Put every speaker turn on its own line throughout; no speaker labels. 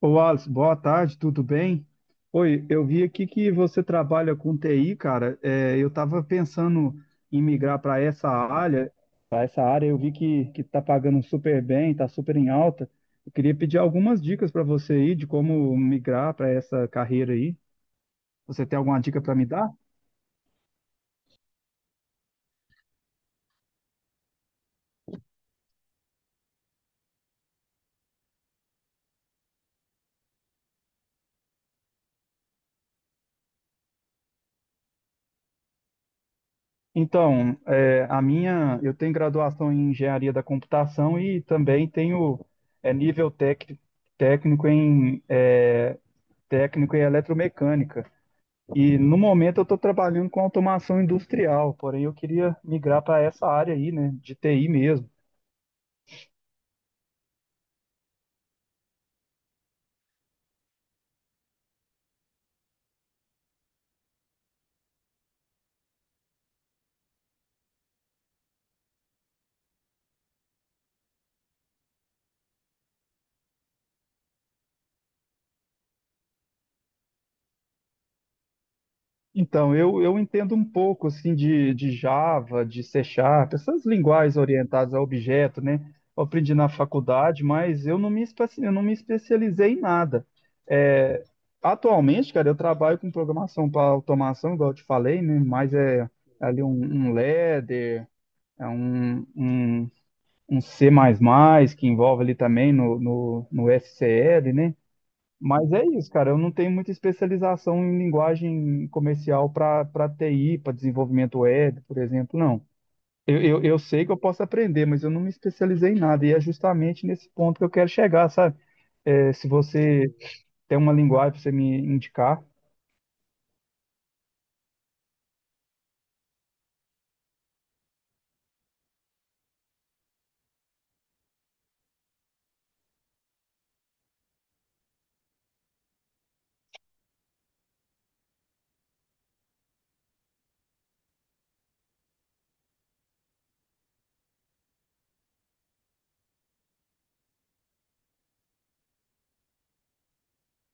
Ô, Alice, boa tarde, tudo bem? Oi, eu vi aqui que você trabalha com TI, cara. Eu estava pensando em migrar para essa área. Para essa área, eu vi que tá pagando super bem, tá super em alta. Eu queria pedir algumas dicas para você aí de como migrar para essa carreira aí. Você tem alguma dica para me dar? Eu tenho graduação em engenharia da computação e também tenho é, nível tec- técnico em técnico em eletromecânica. E no momento eu estou trabalhando com automação industrial, porém eu queria migrar para essa área aí, né, de TI mesmo. Eu entendo um pouco assim de Java, de C Sharp, essas linguagens orientadas a objeto, né? Eu aprendi na faculdade, mas eu não me especializei em nada. É, Atualmente, cara, eu trabalho com programação para automação, igual eu te falei, né? Mas é ali um ladder, é um C++, que envolve ali também no SCL, né? Mas é isso, cara. Eu não tenho muita especialização em linguagem comercial para TI, para desenvolvimento web, por exemplo, não. Eu sei que eu posso aprender, mas eu não me especializei em nada. E é justamente nesse ponto que eu quero chegar, sabe? É, se você tem uma linguagem para você me indicar,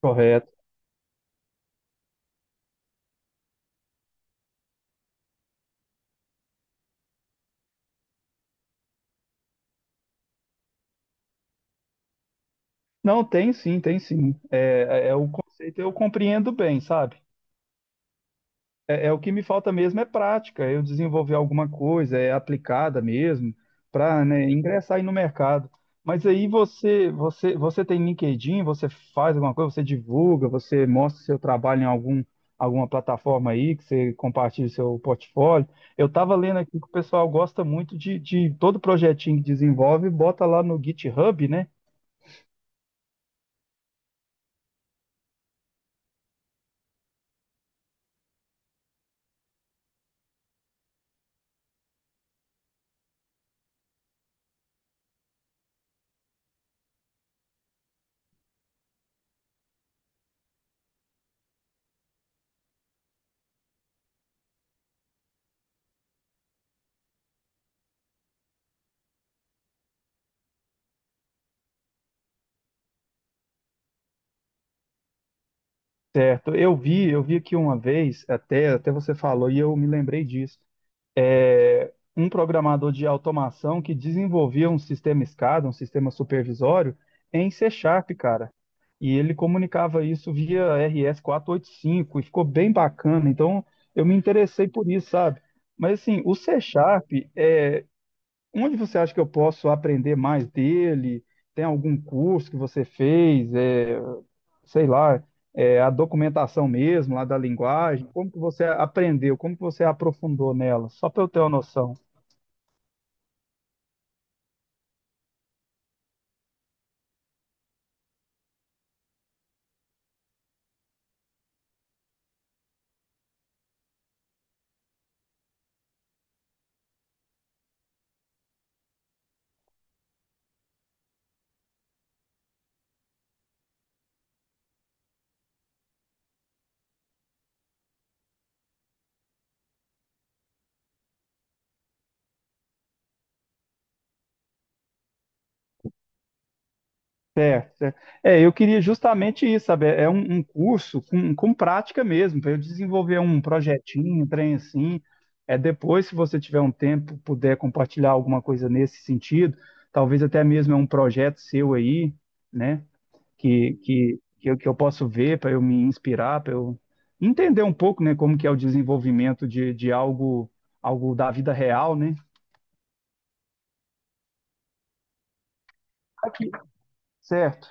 correto. Não, tem sim, tem sim. É é o conceito eu compreendo bem, sabe? É, é o que me falta mesmo é prática, é eu desenvolver alguma coisa, é aplicada mesmo, para, ingressar aí no mercado. Mas aí você tem LinkedIn, você faz alguma coisa, você divulga, você mostra seu trabalho alguma plataforma aí, que você compartilha seu portfólio. Eu estava lendo aqui que o pessoal gosta muito de todo projetinho que desenvolve, bota lá no GitHub, né? Certo, eu vi aqui uma vez, até você falou e eu me lembrei disso. É, um programador de automação que desenvolvia um sistema SCADA, um sistema supervisório, em C Sharp, cara. E ele comunicava isso via RS485 e oitenta e cinco e ficou bem bacana. Então eu me interessei por isso, sabe? Mas assim, o C Sharp, é, onde você acha que eu posso aprender mais dele? Tem algum curso que você fez? Sei lá, é, a documentação mesmo lá da linguagem? Como que você aprendeu? Como que você aprofundou nela? Só para eu ter uma noção. Certo, certo. É, eu queria justamente isso, sabe? Um curso com prática mesmo, para eu desenvolver um projetinho, um trem assim. É depois, se você tiver um tempo, puder compartilhar alguma coisa nesse sentido, talvez até mesmo é um projeto seu aí, né? Que eu posso ver para eu me inspirar, para eu entender um pouco, né, como que é o desenvolvimento de algo, algo da vida real, né? Aqui. Certo.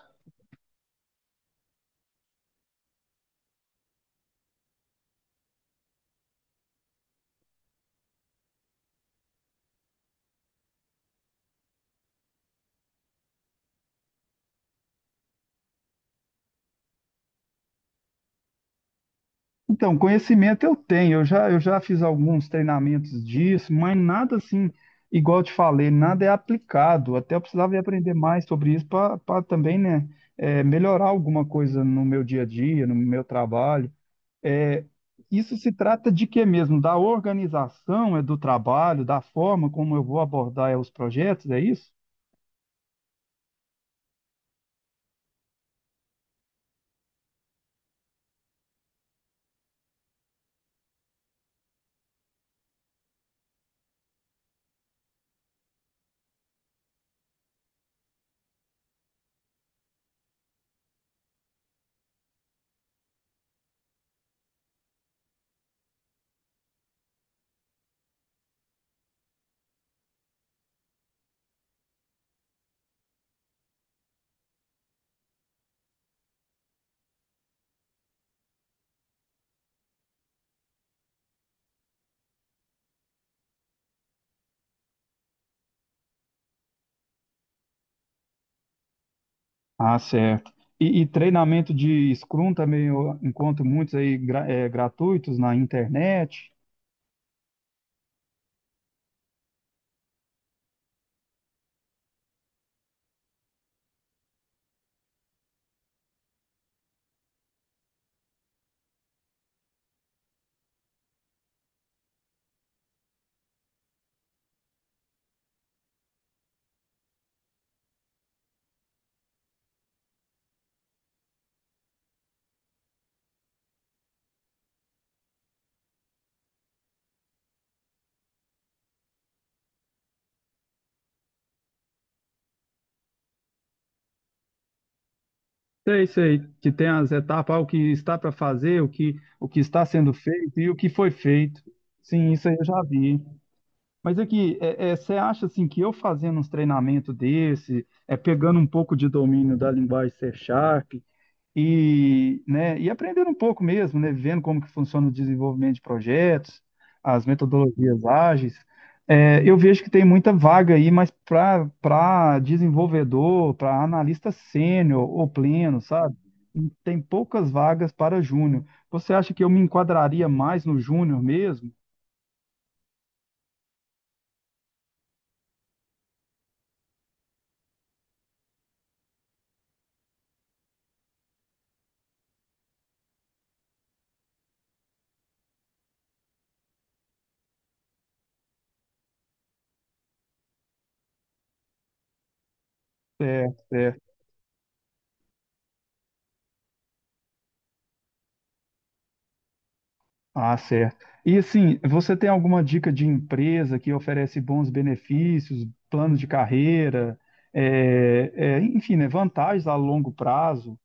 Então, conhecimento eu tenho, eu já fiz alguns treinamentos disso, mas nada assim, igual eu te falei, nada é aplicado. Até eu precisava ir aprender mais sobre isso para também, né, é, melhorar alguma coisa no meu dia a dia, no meu trabalho. É, isso se trata de quê mesmo? Da organização, é do trabalho, da forma como eu vou abordar é, os projetos, é isso? Ah, certo. E treinamento de Scrum também eu encontro muitos aí é, gratuitos na internet. Sei, sei, que tem as etapas, ah, o que está para fazer, o que está sendo feito e o que foi feito. Sim, isso aí eu já vi. Mas aqui, você acha assim que eu fazendo uns treinamentos desse, é pegando um pouco de domínio da linguagem C Sharp, e, né, e aprendendo um pouco mesmo, né, vendo como que funciona o desenvolvimento de projetos, as metodologias ágeis, é, eu vejo que tem muita vaga aí, mas para desenvolvedor, para analista sênior ou pleno, sabe? E tem poucas vagas para júnior. Você acha que eu me enquadraria mais no júnior mesmo? É, é. Ah, certo. E assim, você tem alguma dica de empresa que oferece bons benefícios, planos de carreira, enfim, né, vantagens a longo prazo,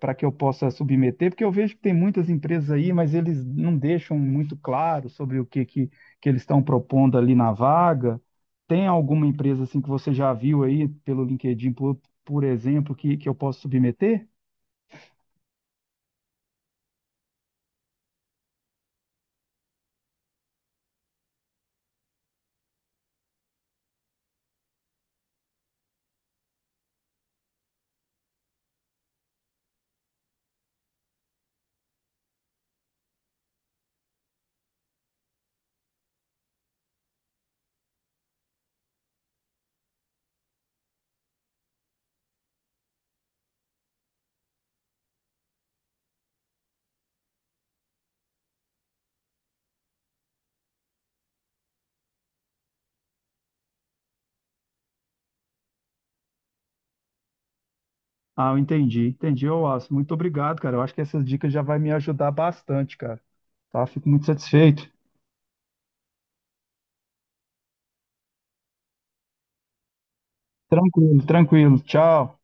para que eu possa submeter? Porque eu vejo que tem muitas empresas aí, mas eles não deixam muito claro sobre que eles estão propondo ali na vaga. Tem alguma empresa assim que você já viu aí pelo LinkedIn, por exemplo, que eu posso submeter? Ah, eu entendi, entendi, ô Wallace. Muito obrigado, cara. Eu acho que essas dicas já vai me ajudar bastante, cara. Tá? Fico muito satisfeito. Tranquilo, tranquilo. Tchau.